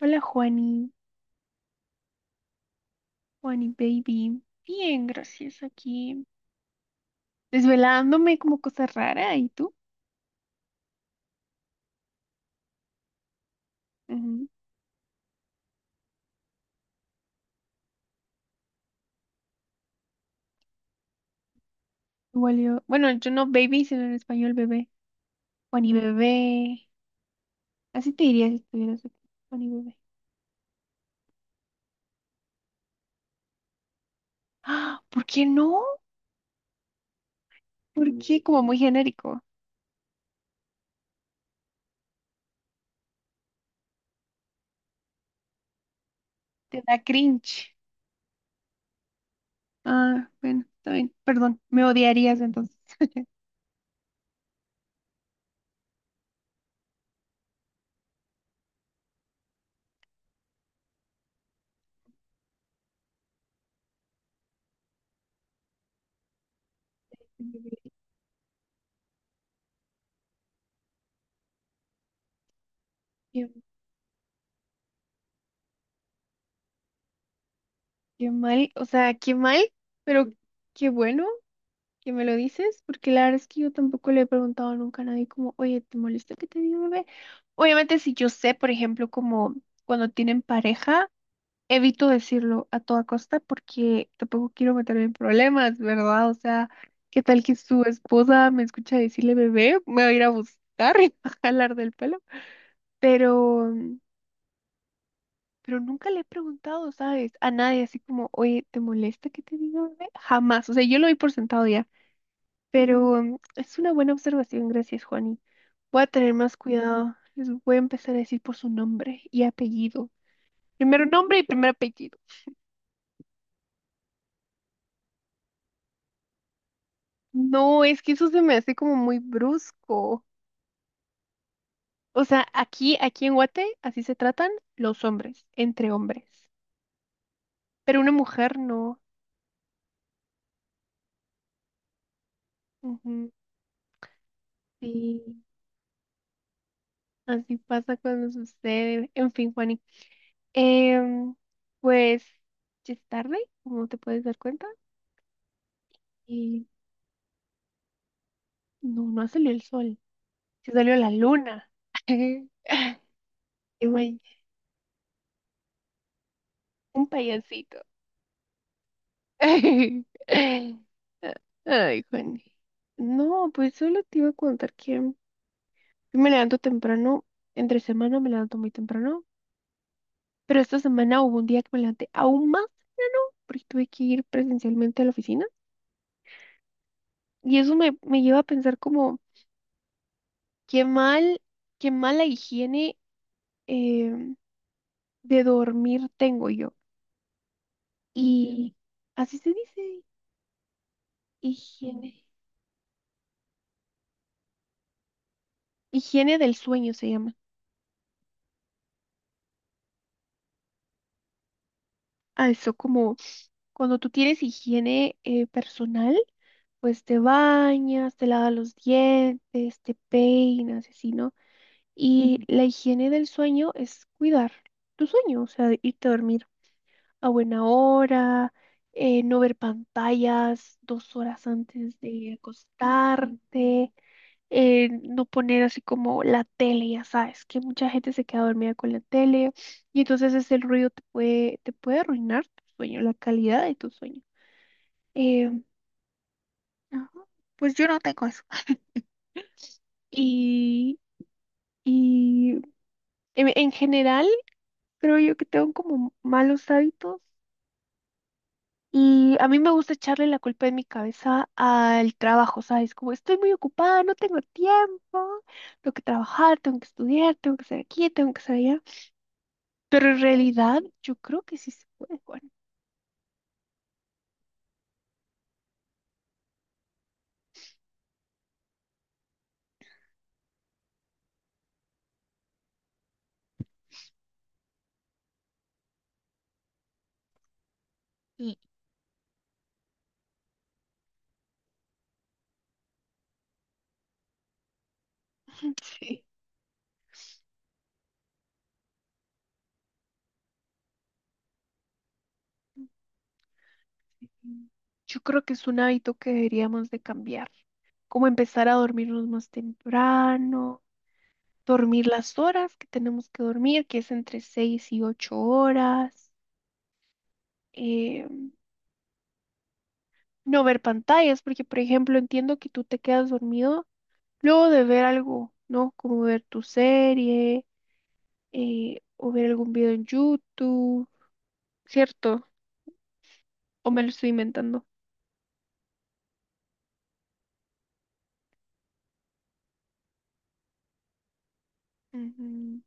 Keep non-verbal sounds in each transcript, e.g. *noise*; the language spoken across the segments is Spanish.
Hola Juani, Juani baby. Bien, gracias aquí. Desvelándome como cosa rara, ¿y tú? Ujú. Igual yo, bueno, yo no baby, sino en español bebé. Juani bebé. Así te diría si estuvieras aquí. Juani bebé. Ah, ¿por qué no? ¿Por qué? Como muy genérico. Te da cringe. Ah, bueno, está bien. Perdón, me odiarías entonces. Qué, qué mal, o sea, qué mal, pero qué bueno que me lo dices, porque la verdad es que yo tampoco le he preguntado nunca a nadie como, oye, ¿te molesta que te diga bebé? Obviamente si yo sé, por ejemplo, como cuando tienen pareja, evito decirlo a toda costa porque tampoco quiero meterme en problemas, ¿verdad? O sea, ¿qué tal que su esposa me escucha decirle bebé? Me va a ir a buscar *laughs* y me va a jalar del pelo. Pero, pero nunca le he preguntado, ¿sabes? A nadie así como, oye, ¿te molesta que te diga bebé? Jamás. O sea, yo lo doy por sentado ya. Pero mm, es una buena observación, gracias, Juani. Voy a tener más cuidado. Les voy a empezar a decir por su nombre y apellido. Primero nombre y primer apellido. No, es que eso se me hace como muy brusco. O sea, aquí, en Guate, así se tratan los hombres, entre hombres. Pero una mujer no. Ujú. Sí, así pasa cuando sucede. En fin, Juani. Em, pues ya es tarde, como te puedes dar cuenta. Y no, no ha salido el sol. Se salió la luna. *laughs* Y güey, un payasito. *laughs* Ay, Juan. No, pues solo te iba a contar que yo me levanto temprano. Entre semana me levanto muy temprano. Pero esta semana hubo un día que me levanté aún más porque tuve que ir presencialmente a la oficina. Y eso me lleva a pensar como, qué mal, qué mala higiene em, de dormir tengo yo. Y así se dice, higiene. Higiene del sueño se llama. Ah, eso como cuando tú tienes higiene personal, pues te bañas, te lavas los dientes, te peinas, así, ¿no? Y Ujú. La higiene del sueño es cuidar tu sueño, o sea, irte a dormir a buena hora, no ver pantallas dos horas antes de acostarte, no poner así como la tele, ya sabes, que mucha gente se queda dormida con la tele y entonces ese ruido te puede arruinar tu sueño, la calidad de tu sueño. Eh, ajá, pues yo no tengo eso. Y, y en general creo yo que tengo como malos hábitos. Y a mí me gusta echarle la culpa en mi cabeza al trabajo, ¿sabes? Como estoy muy ocupada, no tengo tiempo, tengo que trabajar, tengo que estudiar, tengo que hacer aquí, tengo que hacer allá. Pero en realidad yo creo que sí se puede, Juan. Y *clears throat* sí, yo creo que es un hábito que deberíamos de cambiar, como empezar a dormirnos más temprano, dormir las horas que tenemos que dormir, que es entre 6 y 8 horas, eh, no ver pantallas, porque por ejemplo entiendo que tú te quedas dormido luego de ver algo, ¿no? Como ver tu serie o ver algún video en YouTube, ¿cierto? ¿O me lo estoy inventando? Ujú.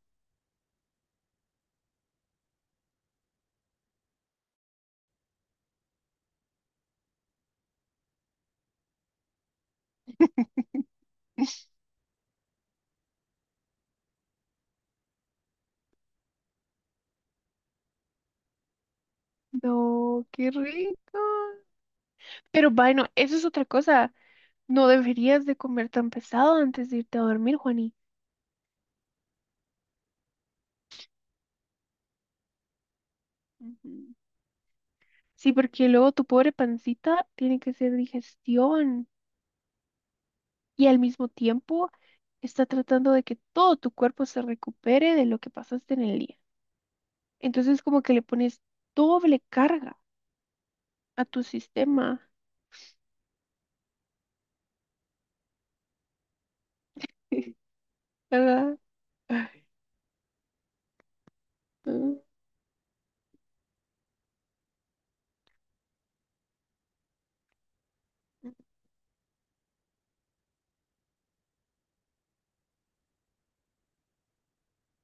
No, qué rico. Pero bueno, eso es otra cosa. No deberías de comer tan pesado antes de irte a dormir, Juani. Ujú. Sí, porque luego tu pobre pancita tiene que hacer digestión y al mismo tiempo está tratando de que todo tu cuerpo se recupere de lo que pasaste en el día. Entonces como que le pones doble carga a tu sistema, *laughs* ¿verdad? Ay, mm.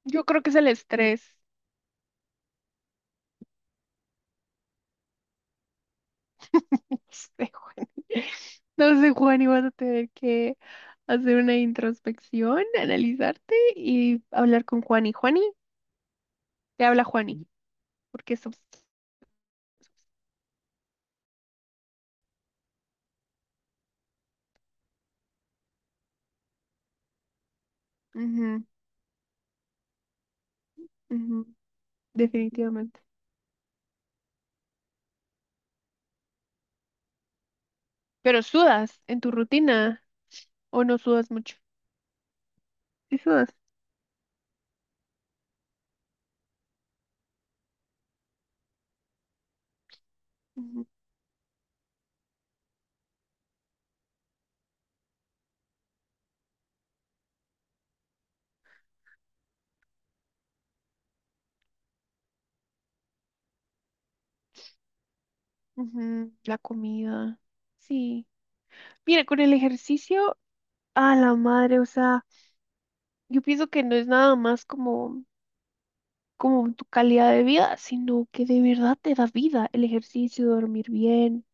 Yo creo que es el estrés. Sé, Juani. *laughs* No sé, Juani, vas a tener que hacer una introspección, analizarte y hablar con Juani. Juani, te habla Juani, porque eso. Ujú, ujú, definitivamente. ¿Pero sudas en tu rutina o no sudas mucho? Sí, sudas. Ujú, ujú. La comida. Sí. Mira, con el ejercicio, a la madre, o sea, yo pienso que no es nada más como tu calidad de vida, sino que de verdad te da vida. El ejercicio, dormir bien,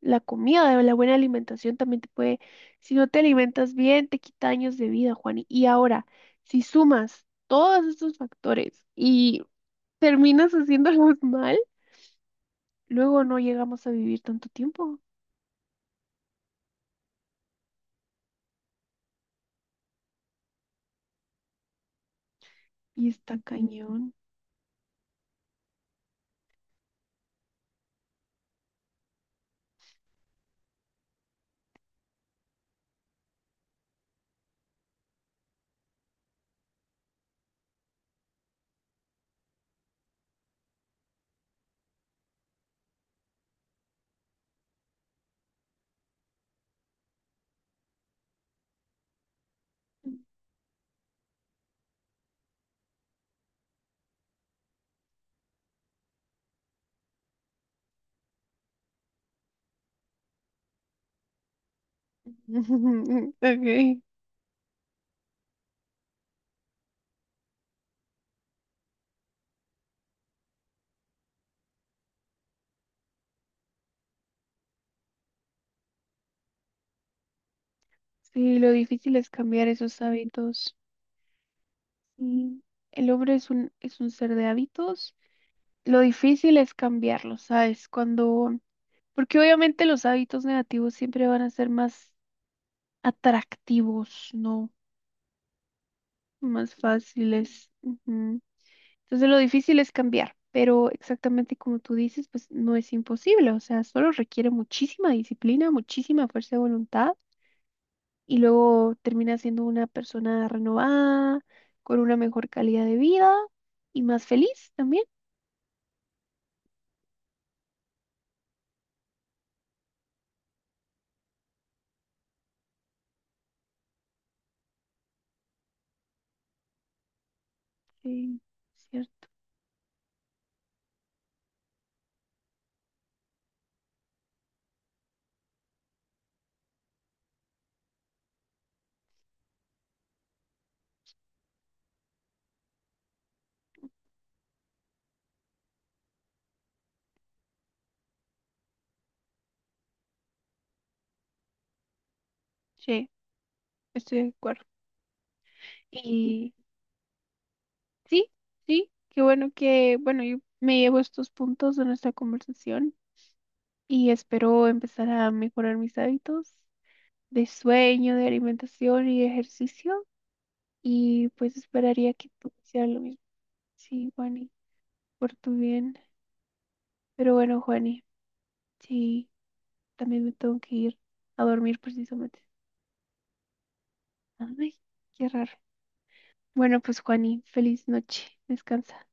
la comida, la buena alimentación también te puede, si no te alimentas bien, te quita años de vida, Juan. Y ahora, si sumas todos estos factores y terminas haciéndolos *laughs* mal, luego no llegamos a vivir tanto tiempo. Y está cañón. *laughs* Okay. Sí, lo difícil es cambiar esos hábitos. Sí. El hombre es un, ser de hábitos. Lo difícil es cambiarlo, ¿sabes? Cuando, porque obviamente los hábitos negativos siempre van a ser más atractivos, ¿no? Más fáciles. Ujú. Entonces lo difícil es cambiar, pero exactamente como tú dices, pues no es imposible, o sea, solo requiere muchísima disciplina, muchísima fuerza de voluntad y luego termina siendo una persona renovada, con una mejor calidad de vida y más feliz también. Sí, cierto. Sí, estoy de acuerdo. Y sí, sí, qué bueno que, bueno, yo me llevo estos puntos de nuestra conversación y espero empezar a mejorar mis hábitos de sueño, de alimentación y de ejercicio y pues esperaría que tú hicieras lo mismo. Sí, Juani, por tu bien. Pero bueno, Juani, sí, también me tengo que ir a dormir precisamente. Ay, qué raro. Bueno, pues Juani, feliz noche. Descansa.